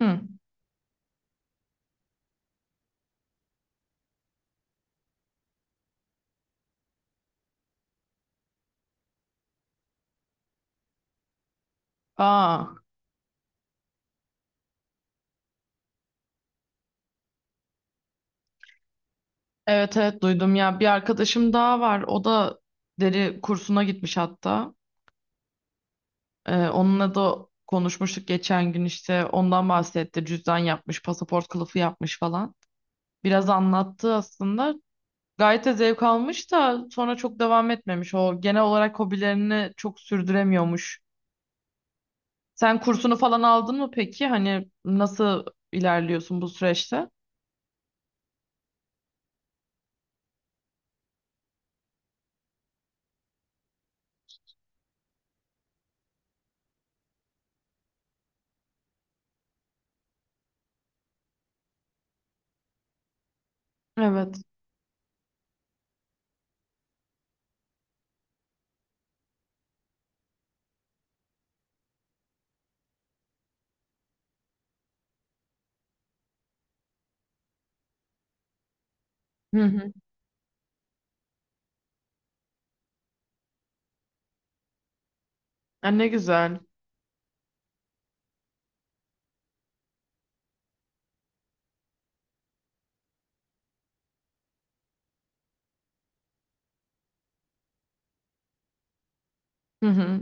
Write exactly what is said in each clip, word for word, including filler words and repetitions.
Hı. Aa, evet evet duydum ya. Bir arkadaşım daha var. O da deri kursuna gitmiş hatta. Ee, onunla da konuşmuştuk geçen gün işte. Ondan bahsetti. Cüzdan yapmış, pasaport kılıfı yapmış falan. Biraz anlattı aslında. Gayet de zevk almış da sonra çok devam etmemiş. O genel olarak hobilerini çok sürdüremiyormuş. Sen kursunu falan aldın mı peki? Hani nasıl ilerliyorsun bu süreçte? Evet. Hı hı. Ha, ne güzel. Hı hı.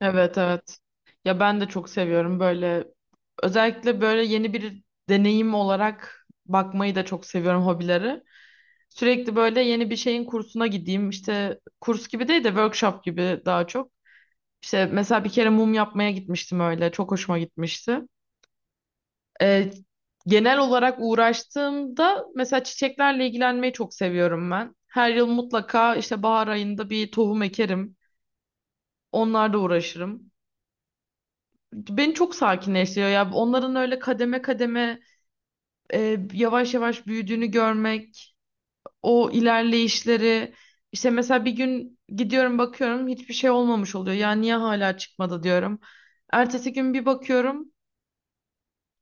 Evet evet. Ya ben de çok seviyorum böyle, özellikle böyle yeni bir deneyim olarak bakmayı da çok seviyorum hobileri. Sürekli böyle yeni bir şeyin kursuna gideyim. İşte kurs gibi değil de workshop gibi daha çok. İşte mesela bir kere mum yapmaya gitmiştim öyle. Çok hoşuma gitmişti. Ee, Genel olarak uğraştığımda mesela çiçeklerle ilgilenmeyi çok seviyorum ben. Her yıl mutlaka işte bahar ayında bir tohum ekerim. Onlarla uğraşırım. Beni çok sakinleştiriyor ya. Onların öyle kademe kademe, e, yavaş yavaş büyüdüğünü görmek, o ilerleyişleri. İşte mesela bir gün gidiyorum bakıyorum hiçbir şey olmamış oluyor. Ya niye hala çıkmadı diyorum. Ertesi gün bir bakıyorum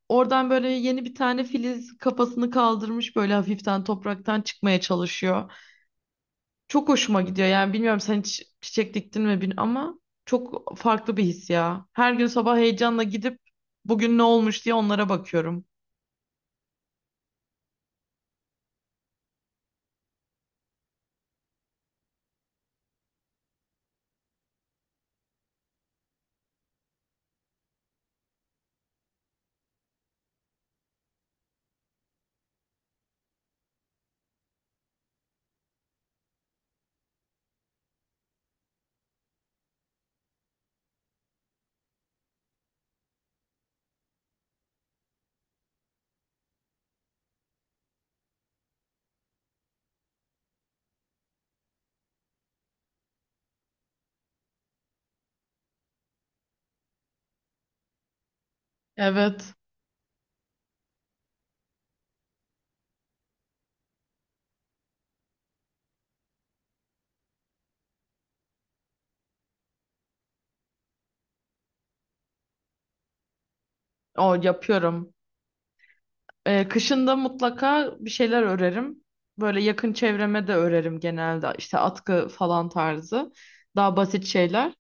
oradan böyle yeni bir tane filiz kafasını kaldırmış, böyle hafiften topraktan çıkmaya çalışıyor. Çok hoşuma gidiyor yani. Bilmiyorum, sen hiç çiçek diktin mi bilmiyorum, ama çok farklı bir his ya. Her gün sabah heyecanla gidip bugün ne olmuş diye onlara bakıyorum. Evet, o yapıyorum. Ee, kışında mutlaka bir şeyler örerim. Böyle yakın çevreme de örerim genelde. İşte atkı falan tarzı. Daha basit şeyler.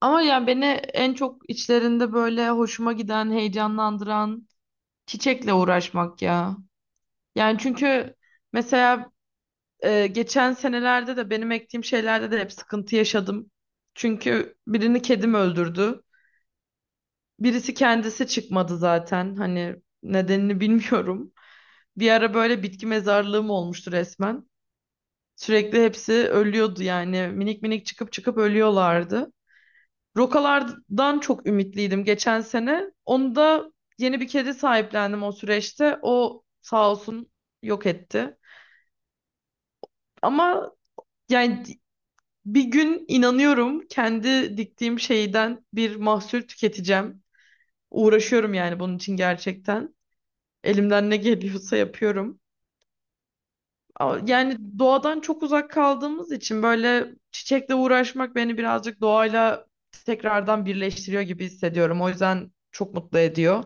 Ama yani beni en çok içlerinde böyle hoşuma giden, heyecanlandıran çiçekle uğraşmak ya. Yani çünkü mesela e, geçen senelerde de benim ektiğim şeylerde de hep sıkıntı yaşadım. Çünkü birini kedim öldürdü. Birisi kendisi çıkmadı zaten. Hani nedenini bilmiyorum. Bir ara böyle bitki mezarlığım olmuştu resmen. Sürekli hepsi ölüyordu yani. Minik minik çıkıp çıkıp ölüyorlardı. Rokalardan çok ümitliydim geçen sene. Onu da yeni bir kedi sahiplendim o süreçte. O sağ olsun yok etti. Ama yani bir gün inanıyorum kendi diktiğim şeyden bir mahsul tüketeceğim. Uğraşıyorum yani bunun için gerçekten. Elimden ne geliyorsa yapıyorum. A- Yani doğadan çok uzak kaldığımız için böyle çiçekle uğraşmak beni birazcık doğayla tekrardan birleştiriyor gibi hissediyorum. O yüzden çok mutlu ediyor.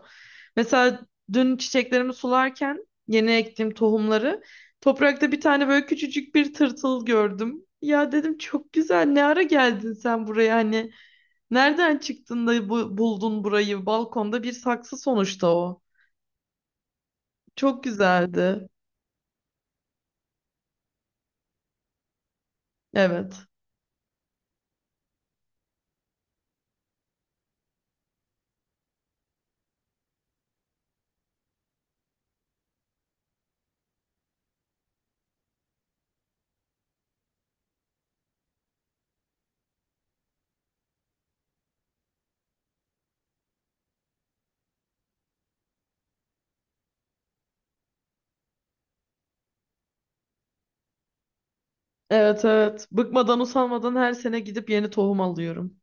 Mesela dün çiçeklerimi sularken, yeni ektiğim tohumları, toprakta bir tane böyle küçücük bir tırtıl gördüm. Ya dedim, çok güzel, ne ara geldin sen buraya, hani nereden çıktın da bu, buldun burayı? Balkonda bir saksı sonuçta o. Çok güzeldi. Evet. Evet evet. Bıkmadan usanmadan her sene gidip yeni tohum alıyorum.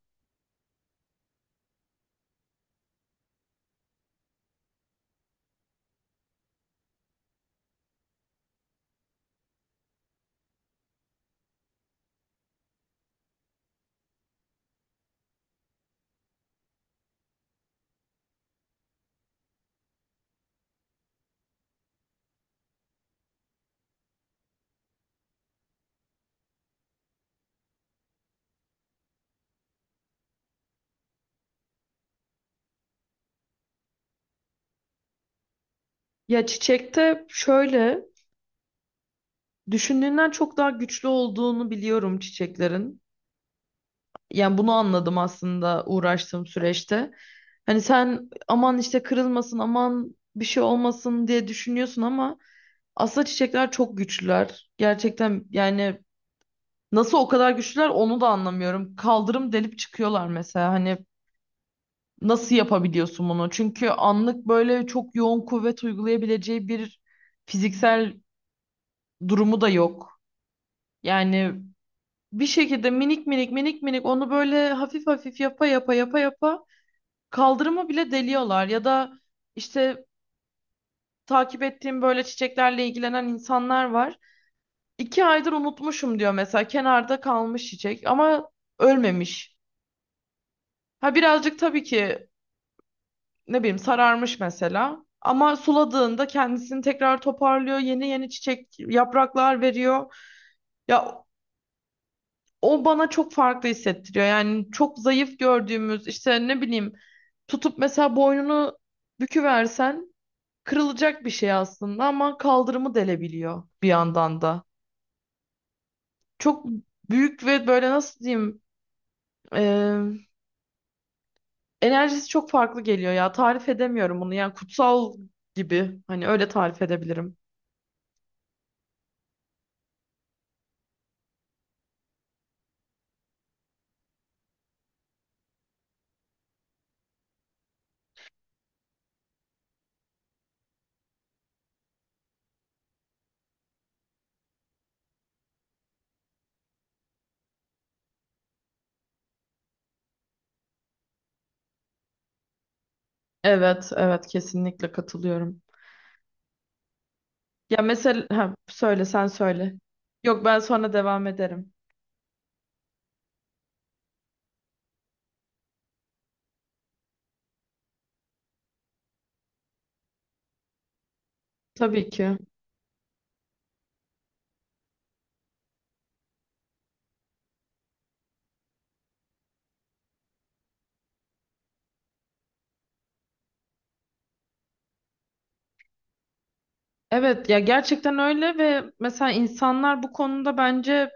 Ya çiçekte şöyle, düşündüğünden çok daha güçlü olduğunu biliyorum çiçeklerin. Yani bunu anladım aslında uğraştığım süreçte. Hani sen aman işte kırılmasın, aman bir şey olmasın diye düşünüyorsun ama aslında çiçekler çok güçlüler. Gerçekten yani, nasıl o kadar güçlüler onu da anlamıyorum. Kaldırım delip çıkıyorlar mesela. Hani nasıl yapabiliyorsun bunu? Çünkü anlık böyle çok yoğun kuvvet uygulayabileceği bir fiziksel durumu da yok. Yani bir şekilde minik minik minik minik onu böyle hafif hafif yapa yapa yapa yapa kaldırımı bile deliyorlar. Ya da işte, takip ettiğim böyle çiçeklerle ilgilenen insanlar var. İki aydır unutmuşum diyor mesela, kenarda kalmış çiçek ama ölmemiş. Ha birazcık tabii ki, ne bileyim, sararmış mesela. Ama suladığında kendisini tekrar toparlıyor. Yeni yeni çiçek, yapraklar veriyor. Ya o bana çok farklı hissettiriyor. Yani çok zayıf gördüğümüz, işte ne bileyim, tutup mesela boynunu büküversen kırılacak bir şey aslında, ama kaldırımı delebiliyor bir yandan da. Çok büyük ve böyle, nasıl diyeyim, e, enerjisi çok farklı geliyor ya. Tarif edemiyorum bunu. Yani kutsal gibi. Hani öyle tarif edebilirim. Evet, evet kesinlikle katılıyorum. Ya mesela, ha, söyle sen söyle. Yok ben sonra devam ederim. Tabii ki. Evet ya, gerçekten öyle. Ve mesela insanlar bu konuda bence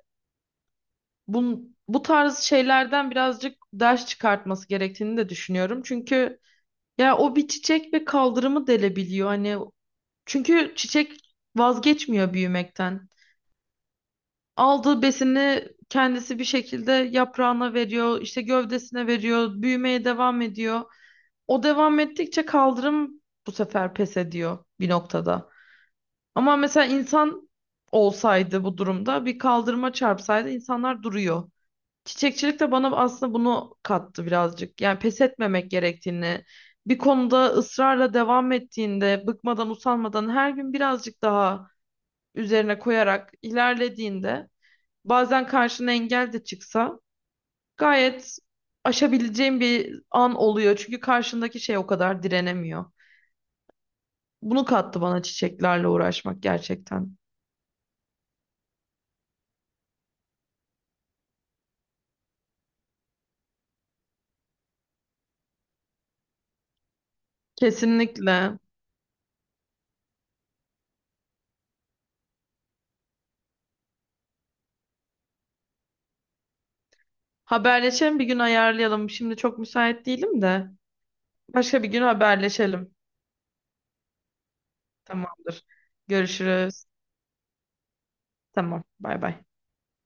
bu, bu tarz şeylerden birazcık ders çıkartması gerektiğini de düşünüyorum. Çünkü ya o bir çiçek ve kaldırımı delebiliyor. Hani çünkü çiçek vazgeçmiyor büyümekten. Aldığı besini kendisi bir şekilde yaprağına veriyor, işte gövdesine veriyor, büyümeye devam ediyor. O devam ettikçe kaldırım bu sefer pes ediyor bir noktada. Ama mesela insan olsaydı, bu durumda bir kaldırıma çarpsaydı, insanlar duruyor. Çiçekçilik de bana aslında bunu kattı birazcık. Yani pes etmemek gerektiğini, bir konuda ısrarla devam ettiğinde, bıkmadan, usanmadan, her gün birazcık daha üzerine koyarak ilerlediğinde, bazen karşına engel de çıksa gayet aşabileceğin bir an oluyor. Çünkü karşındaki şey o kadar direnemiyor. Bunu kattı bana çiçeklerle uğraşmak gerçekten. Kesinlikle. Haberleşelim, bir gün ayarlayalım. Şimdi çok müsait değilim de. Başka bir gün haberleşelim. Tamamdır. Görüşürüz. Tamam. Bay bay.